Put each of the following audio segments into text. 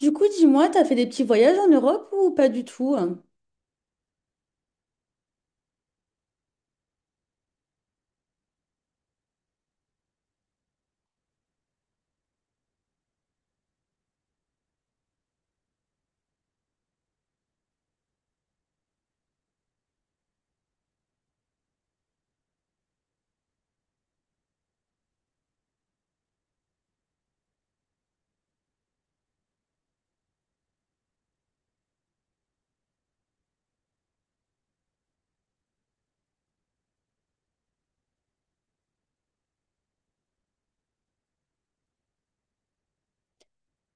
Du coup, dis-moi, t'as fait des petits voyages en Europe ou pas du tout, hein?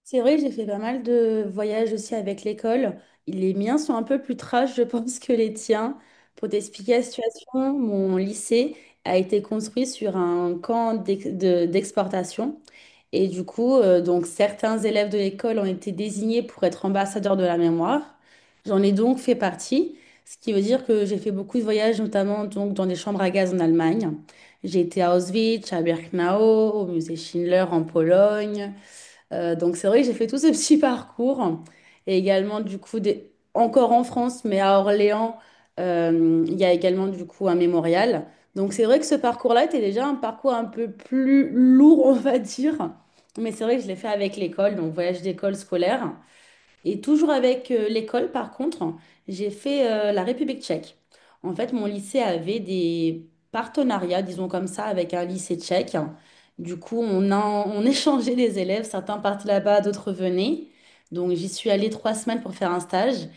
C'est vrai, j'ai fait pas mal de voyages aussi avec l'école. Les miens sont un peu plus trash, je pense, que les tiens. Pour t'expliquer la situation, mon lycée a été construit sur un camp d'exportation. Et du coup, donc certains élèves de l'école ont été désignés pour être ambassadeurs de la mémoire. J'en ai donc fait partie, ce qui veut dire que j'ai fait beaucoup de voyages, notamment donc dans des chambres à gaz en Allemagne. J'ai été à Auschwitz, à Birkenau, au musée Schindler en Pologne. Donc c'est vrai que j'ai fait tout ce petit parcours et également du coup encore en France, mais à Orléans. Il y a également du coup un mémorial. Donc c'est vrai que ce parcours-là était déjà un parcours un peu plus lourd, on va dire, mais c'est vrai que je l'ai fait avec l'école, donc voyage d'école scolaire. Et toujours avec l'école, par contre, j'ai fait la République tchèque. En fait, mon lycée avait des partenariats, disons comme ça, avec un lycée tchèque. Du coup, on échangeait des élèves. Certains partaient là-bas, d'autres venaient. Donc, j'y suis allée 3 semaines pour faire un stage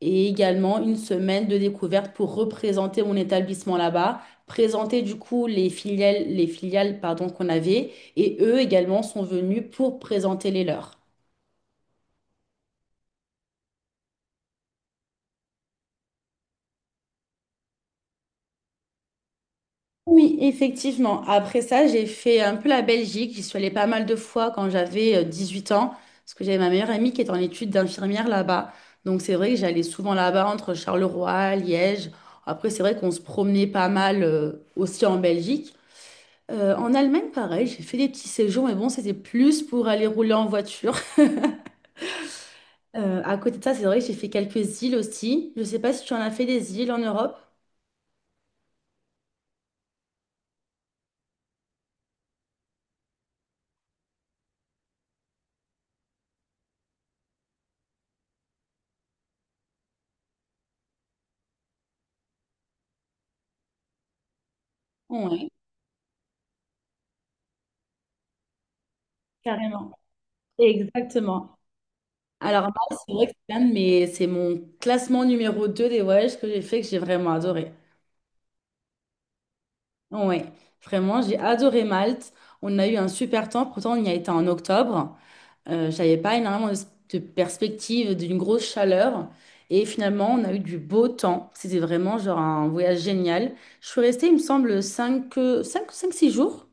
et également une semaine de découverte pour représenter mon établissement là-bas, présenter du coup les filiales, pardon, qu'on avait. Et eux également sont venus pour présenter les leurs. Oui, effectivement. Après ça, j'ai fait un peu la Belgique. J'y suis allée pas mal de fois quand j'avais 8 ans, parce que j'avais ma meilleure amie qui est en études d'infirmière là-bas. Donc c'est vrai que j'allais souvent là-bas entre Charleroi, Liège. Après, c'est vrai qu'on se promenait pas mal aussi en Belgique. En Allemagne, pareil, j'ai fait des petits séjours, mais bon, c'était plus pour aller rouler en voiture. À côté de ça, c'est vrai que j'ai fait quelques îles aussi. Je sais pas si tu en as fait des îles en Europe. Oui, carrément. Exactement. Alors, moi, c'est vrai que c'est l'un de mes- c'est mon classement numéro 2 des voyages que j'ai fait que j'ai vraiment adoré. Ouais, vraiment, j'ai adoré Malte. On a eu un super temps, pourtant on y a été en octobre. J'avais pas énormément de perspective d'une grosse chaleur. Et finalement, on a eu du beau temps. C'était vraiment genre un voyage génial. Je suis restée, il me semble, 5 5 5 6 jours.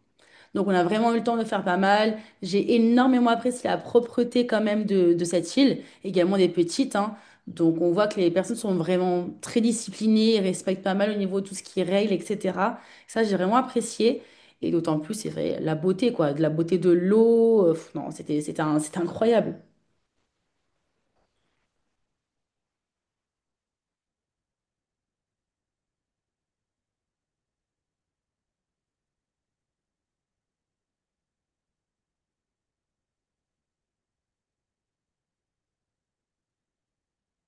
Donc, on a vraiment eu le temps de faire pas mal. J'ai énormément apprécié la propreté quand même de cette île, également des petites, hein. Donc, on voit que les personnes sont vraiment très disciplinées, et respectent pas mal au niveau de tout ce qui est règles, etc. Ça, j'ai vraiment apprécié. Et d'autant plus, c'est vrai, la beauté, quoi, de la beauté de l'eau. Non, c'était incroyable.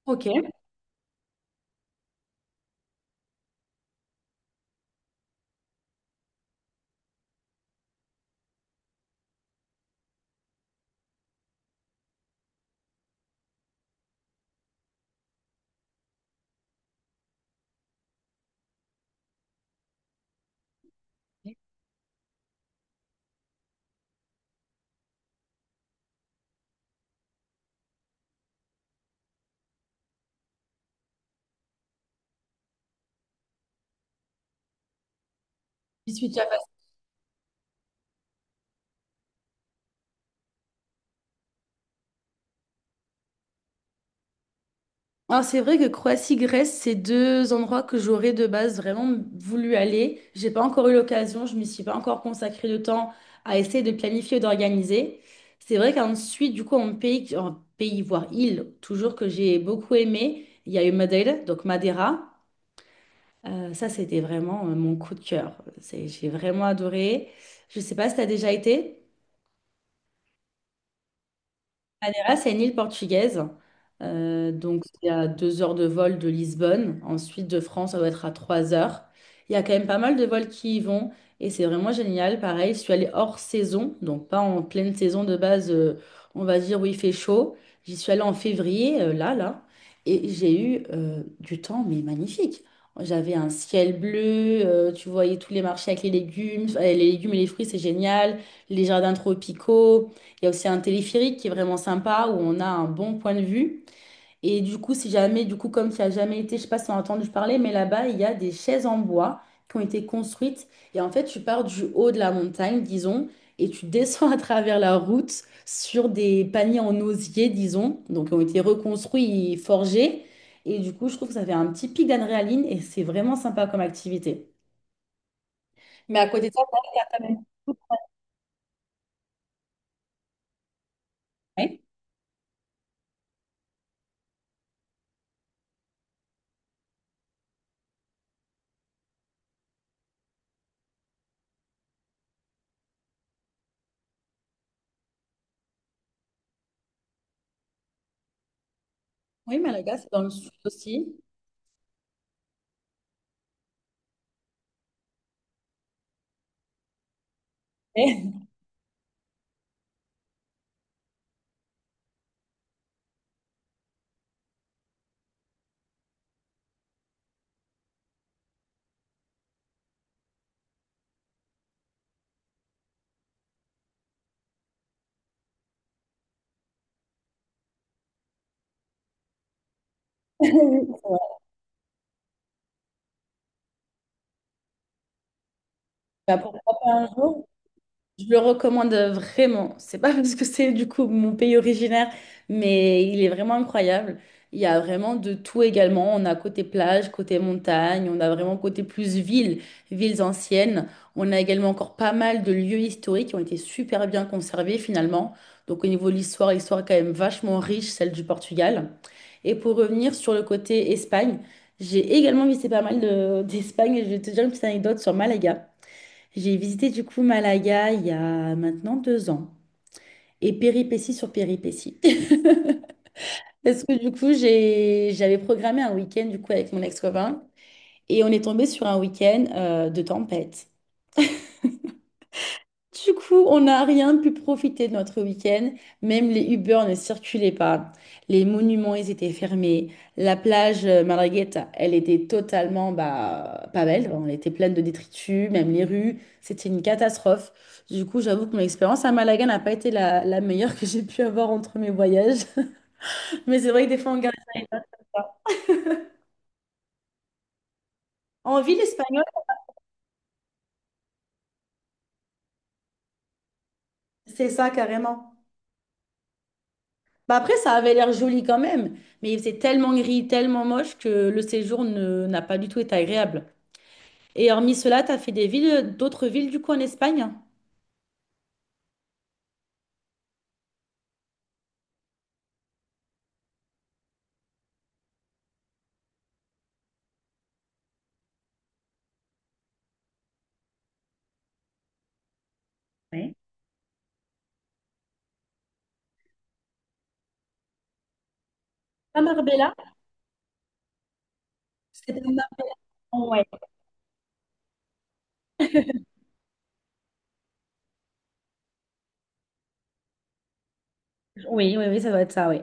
Ok. Je suis déjà. Alors c'est vrai que Croatie-Grèce, c'est deux endroits que j'aurais de base vraiment voulu aller. J'ai pas encore eu l'occasion, je m'y suis pas encore consacré de temps à essayer de planifier ou d'organiser. C'est vrai qu'ensuite, du coup, en pays, voire île, toujours que j'ai beaucoup aimé, il y a eu Madeira, donc Madeira. Ça, c'était vraiment mon coup de cœur. C'est, j'ai vraiment adoré. Je sais pas si tu as déjà été. Madeira, c'est une île portugaise. Donc, c'est à 2 heures de vol de Lisbonne. Ensuite, de France, ça doit être à 3 heures. Il y a quand même pas mal de vols qui y vont. Et c'est vraiment génial. Pareil, je suis allée hors saison, donc pas en pleine saison de base, on va dire où il fait chaud. J'y suis allée en février, là, là. Et j'ai eu du temps, mais magnifique. J'avais un ciel bleu, tu voyais tous les marchés avec les légumes. Les légumes et les fruits, c'est génial. Les jardins tropicaux. Il y a aussi un téléphérique qui est vraiment sympa où on a un bon point de vue. Et du coup, si jamais, du coup, comme tu as jamais été, je sais pas si tu as entendu parler, mais là-bas, il y a des chaises en bois qui ont été construites. Et en fait, tu pars du haut de la montagne, disons, et tu descends à travers la route sur des paniers en osier, disons, donc qui ont été reconstruits et forgés. Et du coup, je trouve que ça fait un petit pic d'adrénaline et c'est vraiment sympa comme activité. Mais à côté de ça, t'as quand même. Oui, oui, Malaga, c'est dans le sud aussi. Bah, pourquoi pas un jour? Je le recommande vraiment. C'est pas parce que c'est du coup mon pays originaire, mais il est vraiment incroyable. Il y a vraiment de tout également. On a côté plage, côté montagne, on a vraiment côté plus ville, villes anciennes. On a également encore pas mal de lieux historiques qui ont été super bien conservés finalement. Donc au niveau de l'histoire, l'histoire est quand même vachement riche, celle du Portugal. Et pour revenir sur le côté Espagne, j'ai également visité pas mal de- d'Espagne et je vais te dire une petite anecdote sur Malaga. J'ai visité du coup Malaga il y a maintenant 2 ans et péripétie sur péripétie. Parce que du coup, j'avais programmé un week-end du coup avec mon ex-copain et on est tombé sur un week-end de tempête. Du coup, on n'a rien pu profiter de notre week-end. Même les Uber ne circulaient pas. Les monuments, ils étaient fermés. La plage Margarita, elle était totalement, bah, pas belle, hein. Elle était pleine de détritus, même les rues. C'était une catastrophe. Du coup, j'avoue que mon expérience à Malaga n'a pas été la meilleure que j'ai pu avoir entre mes voyages. Mais c'est vrai que des fois, on garde ça. En ville espagnole, c'est ça carrément. Bah après, ça avait l'air joli quand même, mais il faisait tellement gris, tellement moche que le séjour n'a pas du tout été agréable. Et hormis cela, tu as fait des villes, d'autres villes du coup en Espagne? Ouais. À Marbella? C'est un appartement, ouais. Oui, oui, oui, ça doit être ça, oui.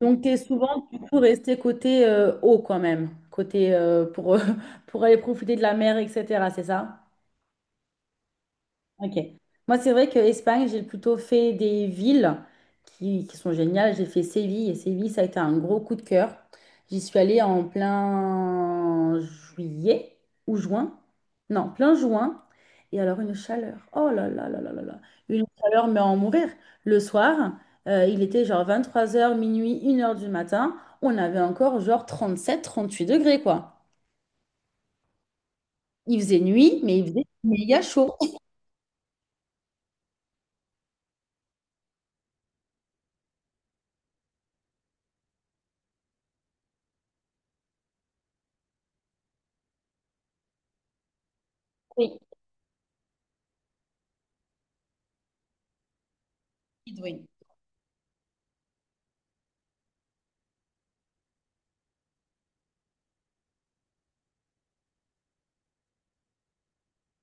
Donc, tu es souvent du coup resté côté haut quand même, côté pour, pour aller profiter de la mer, etc. C'est ça? Ok. Moi, c'est vrai que Espagne, j'ai plutôt fait des villes qui sont géniales. J'ai fait Séville et Séville, ça a été un gros coup de cœur. J'y suis allée en plein juillet ou juin. Non, plein juin. Et alors, une chaleur. Oh là là là là là là. Une chaleur, mais à en mourir. Le soir, il était genre 23 heures, minuit, 1 heure du matin. On avait encore genre 37, 38 degrés, quoi. Il faisait nuit, mais il faisait méga chaud. Oui, oui,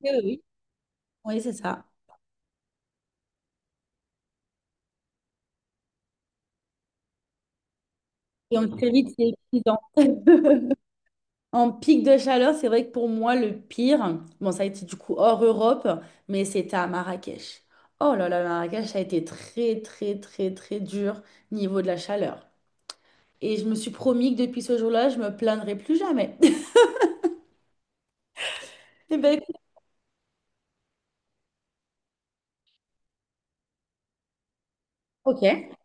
oui, oui, oui, c'est ça. Et on très vite, c'est épuisant. En pic de chaleur, c'est vrai que pour moi, le pire, bon, ça a été du coup hors Europe, mais c'était à Marrakech. Oh là là, Marrakech, ça a été très, très, très, très dur niveau de la chaleur. Et je me suis promis que depuis ce jour-là, je me plaindrai plus jamais. Eh ben, écoute, ok.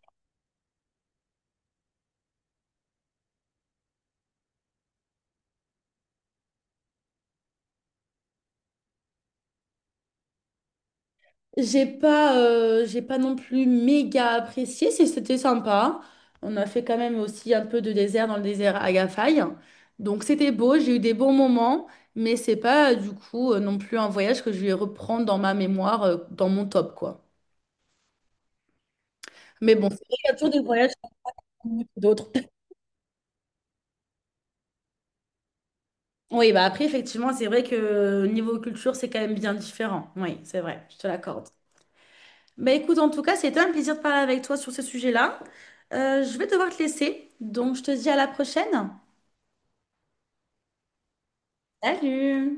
J'ai pas non plus méga apprécié, c'était sympa. On a fait quand même aussi un peu de désert dans le désert Agafay. Donc c'était beau, j'ai eu des bons moments, mais c'est pas non plus un voyage que je vais reprendre dans ma mémoire, dans mon top, quoi. Mais bon, c'est vrai qu'il y a toujours des voyages qui sont mieux que d'autres. Oui, bah après, effectivement, c'est vrai que niveau culture, c'est quand même bien différent. Oui, c'est vrai, je te l'accorde. Bah écoute, en tout cas, c'était un plaisir de parler avec toi sur ce sujet-là. Je vais devoir te laisser, donc je te dis à la prochaine. Salut!